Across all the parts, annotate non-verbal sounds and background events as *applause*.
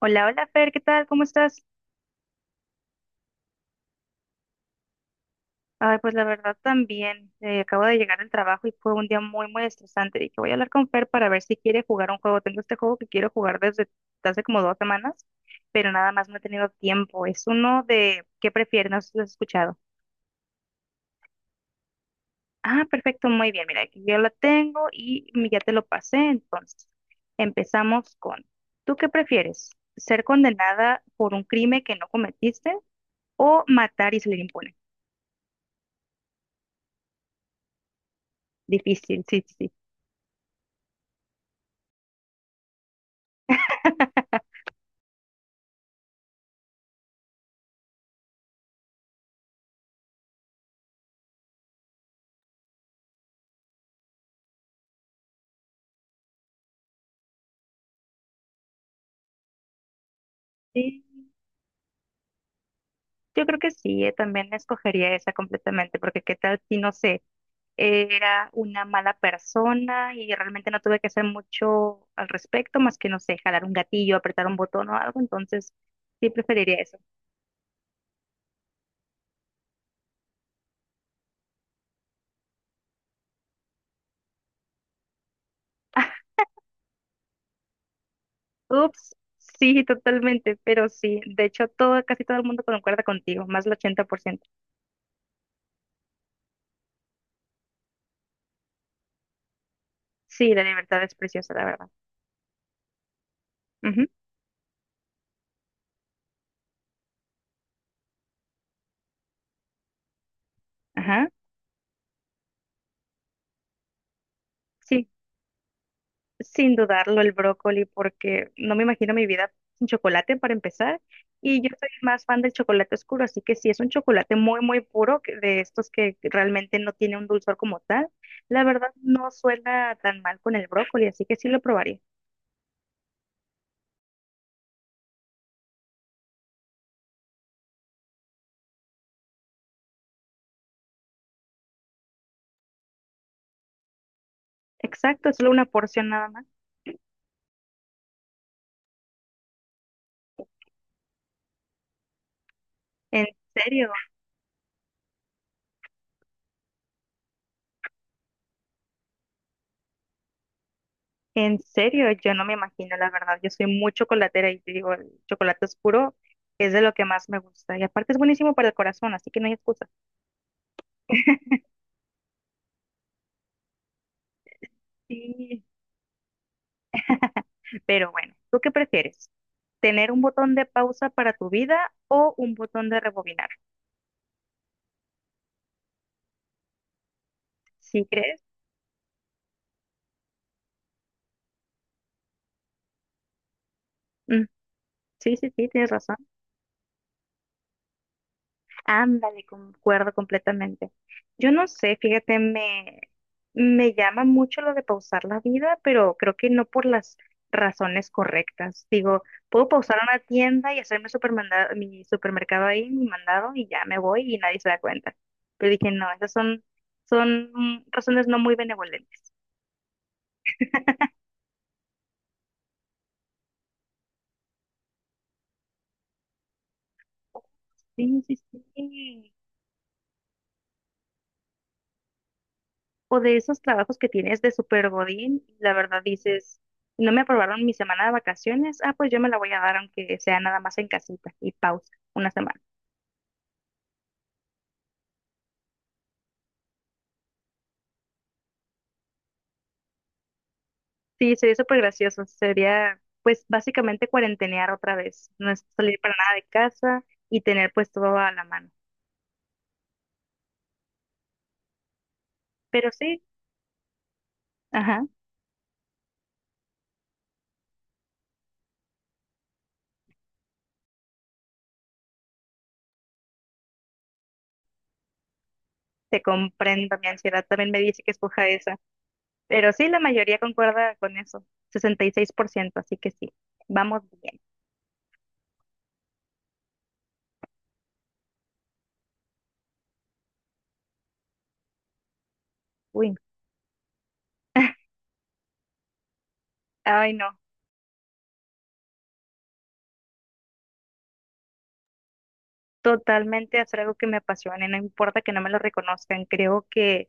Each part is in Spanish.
Hola, hola Fer, ¿qué tal? ¿Cómo estás? Ay, pues la verdad también, acabo de llegar del trabajo y fue un día muy, muy estresante. Dije, voy a hablar con Fer para ver si quiere jugar un juego. Tengo este juego que quiero jugar desde hace como 2 semanas, pero nada más no he tenido tiempo. Es uno de ¿qué prefieres? No sé si lo has escuchado. Ah, perfecto, muy bien. Mira, aquí yo lo tengo y ya te lo pasé. Entonces, empezamos con, ¿tú qué prefieres? ¿Ser condenada por un crimen que no cometiste o matar y salir impune? Difícil, sí, sí. Sí. Yo creo que sí, también escogería esa completamente, porque qué tal si, no sé, era una mala persona y realmente no tuve que hacer mucho al respecto, más que, no sé, jalar un gatillo, apretar un botón o algo, entonces sí preferiría eso. *laughs* Ups, sí, totalmente, pero sí, de hecho todo, casi todo el mundo concuerda contigo, más del 80%. Sí, la libertad es preciosa, la verdad. Ujú. Ajá, sí. Sin dudarlo, el brócoli, porque no me imagino mi vida sin chocolate para empezar. Y yo soy más fan del chocolate oscuro, así que si es un chocolate muy, muy puro, de estos que realmente no tiene un dulzor como tal, la verdad no suena tan mal con el brócoli, así que sí lo probaría. Exacto, es solo una porción nada más. En serio, en serio, yo no me imagino, la verdad. Yo soy muy chocolatera y te digo, el chocolate oscuro es de lo que más me gusta. Y aparte es buenísimo para el corazón, así que no hay excusa. Sí. Pero bueno, ¿tú qué prefieres? Tener un botón de pausa para tu vida o un botón de rebobinar. ¿Sí crees? Mm, sí, sí, sí, tienes razón. Ándale, concuerdo completamente. Yo no sé, fíjate, me llama mucho lo de pausar la vida, pero creo que no por las razones correctas. Digo, puedo pausar una tienda y hacerme mi supermercado ahí, mi mandado, y ya me voy y nadie se da cuenta. Pero dije, no, esas son, son razones no muy benevolentes. Sí, sí, sí. O de esos trabajos que tienes de super godín, y la verdad dices, no me aprobaron mi semana de vacaciones, ah, pues yo me la voy a dar aunque sea nada más en casita y pausa, una semana. Sí, sería súper gracioso, sería pues básicamente cuarentenear otra vez, no salir para nada de casa y tener pues todo a la mano. Pero sí, ajá, te comprendo, mi ansiedad también me dice que escoja esa, pero sí, la mayoría concuerda con eso, 66%, así que sí, vamos bien. Uy. *laughs* Ay, no. Totalmente hacer algo que me apasione, no importa que no me lo reconozcan, creo que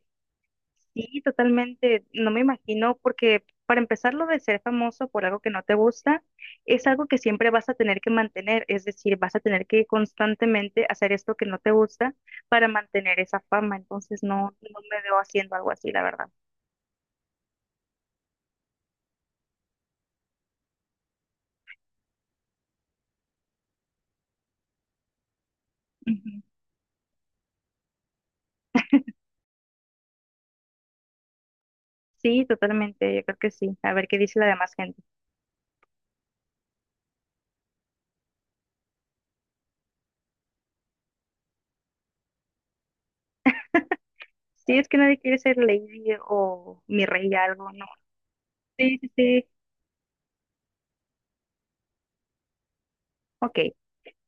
sí, totalmente, no me imagino, porque para empezar lo de ser famoso por algo que no te gusta, es algo que siempre vas a tener que mantener, es decir, vas a tener que constantemente hacer esto que no te gusta para mantener esa fama, entonces no, no me veo haciendo algo así, la verdad. Ujú. Sí, totalmente, yo creo que sí, a ver qué dice la demás gente. Sí, es que nadie quiere ser lady o mi rey algo, no. Sí, sí, sí. Ok.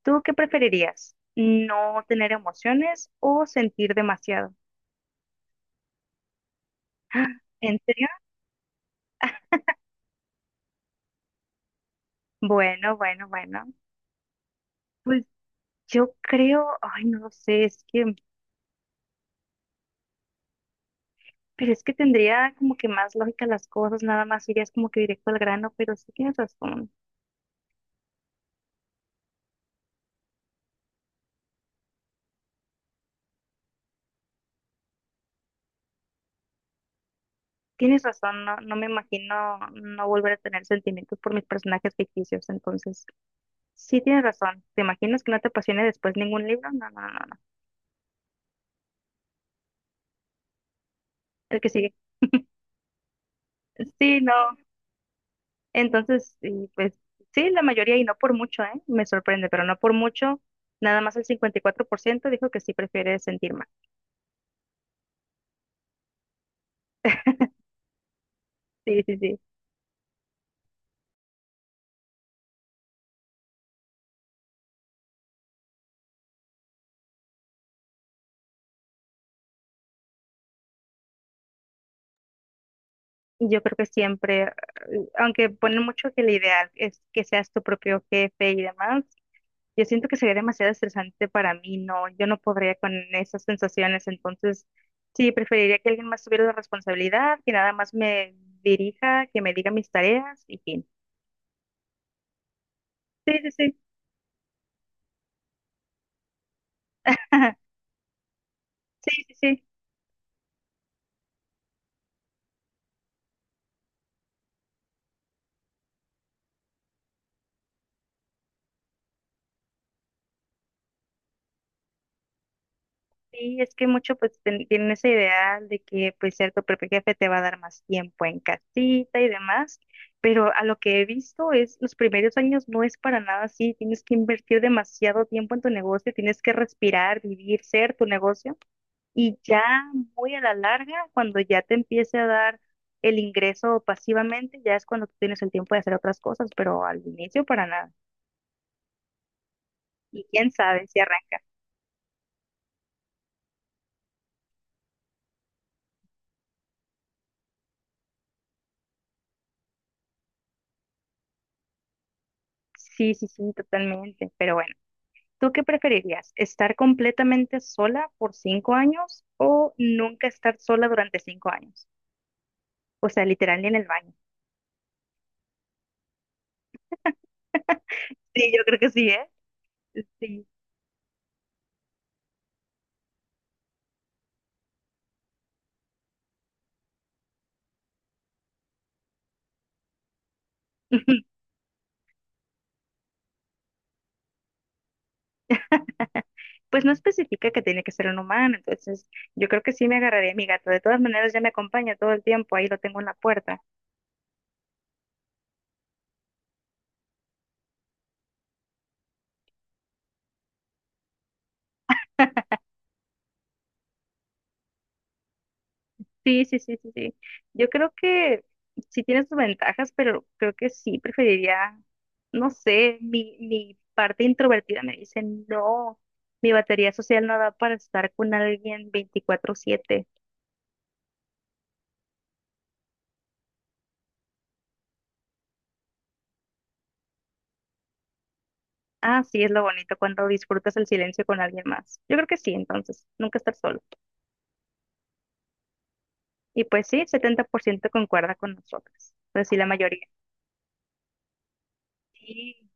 ¿Tú qué preferirías? ¿No tener emociones o sentir demasiado? *gasps* ¡Ah! ¿En serio? Bueno, bueno, bueno. Pues yo creo, ay, no lo sé, es que, pero es que tendría como que más lógica las cosas, nada más irías como que directo al grano, pero sí tienes razón, no, no me imagino no volver a tener sentimientos por mis personajes ficticios, entonces sí tienes razón, ¿te imaginas que no te apasione después ningún libro? No, no, no, no, el que sigue. Sí, no, entonces, y pues sí, la mayoría y no por mucho, ¿eh? Me sorprende, pero no por mucho. Nada más el 54% dijo que sí prefiere sentir más. Sí, sí, sí. Y yo creo que siempre, aunque ponen mucho que el ideal es que seas tu propio jefe y demás, yo siento que sería demasiado estresante para mí, no, yo no podría con esas sensaciones, entonces sí, preferiría que alguien más tuviera la responsabilidad, que nada más me dirija, que me diga mis tareas y fin. Sí, sí, sí. *laughs* Sí, sí, sí. Sí, es que mucho pues tienen ese ideal de que pues cierto propio jefe te va a dar más tiempo en casita y demás, pero a lo que he visto es los primeros años no es para nada así, tienes que invertir demasiado tiempo en tu negocio, tienes que respirar, vivir, ser tu negocio y ya muy a la larga, cuando ya te empiece a dar el ingreso pasivamente, ya es cuando tú tienes el tiempo de hacer otras cosas, pero al inicio para nada. Y quién sabe si arranca. Sí, sí, sí, totalmente, pero bueno. ¿Tú qué preferirías? ¿Estar completamente sola por 5 años o nunca estar sola durante 5 años? O sea, literal ni en el baño. Sí, yo creo que sí, ¿eh? Sí. *laughs* Pues no especifica que tiene que ser un humano, entonces yo creo que sí me agarraría a mi gato. De todas maneras, ya me acompaña todo el tiempo, ahí lo tengo en la puerta. Sí, sí, sí, sí, sí. Yo creo que sí tiene sus ventajas, pero creo que sí preferiría, no sé, mi parte introvertida me dice, no, mi batería social no da para estar con alguien 24/7. Ah, sí, es lo bonito cuando disfrutas el silencio con alguien más. Yo creo que sí, entonces, nunca estar solo. Y pues sí, 70% concuerda con nosotros, pues sí, la mayoría. Sí,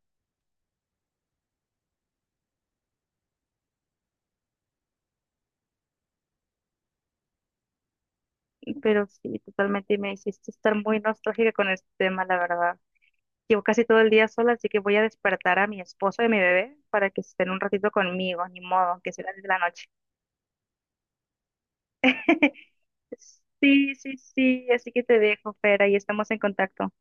pero sí, totalmente, y me hiciste estar muy nostálgica con este tema, la verdad. Llevo casi todo el día sola, así que voy a despertar a mi esposo y a mi bebé para que estén un ratito conmigo, ni modo, aunque sea las 10 de la noche. *laughs* Sí, sí, sí, así que te dejo, Fera, y estamos en contacto.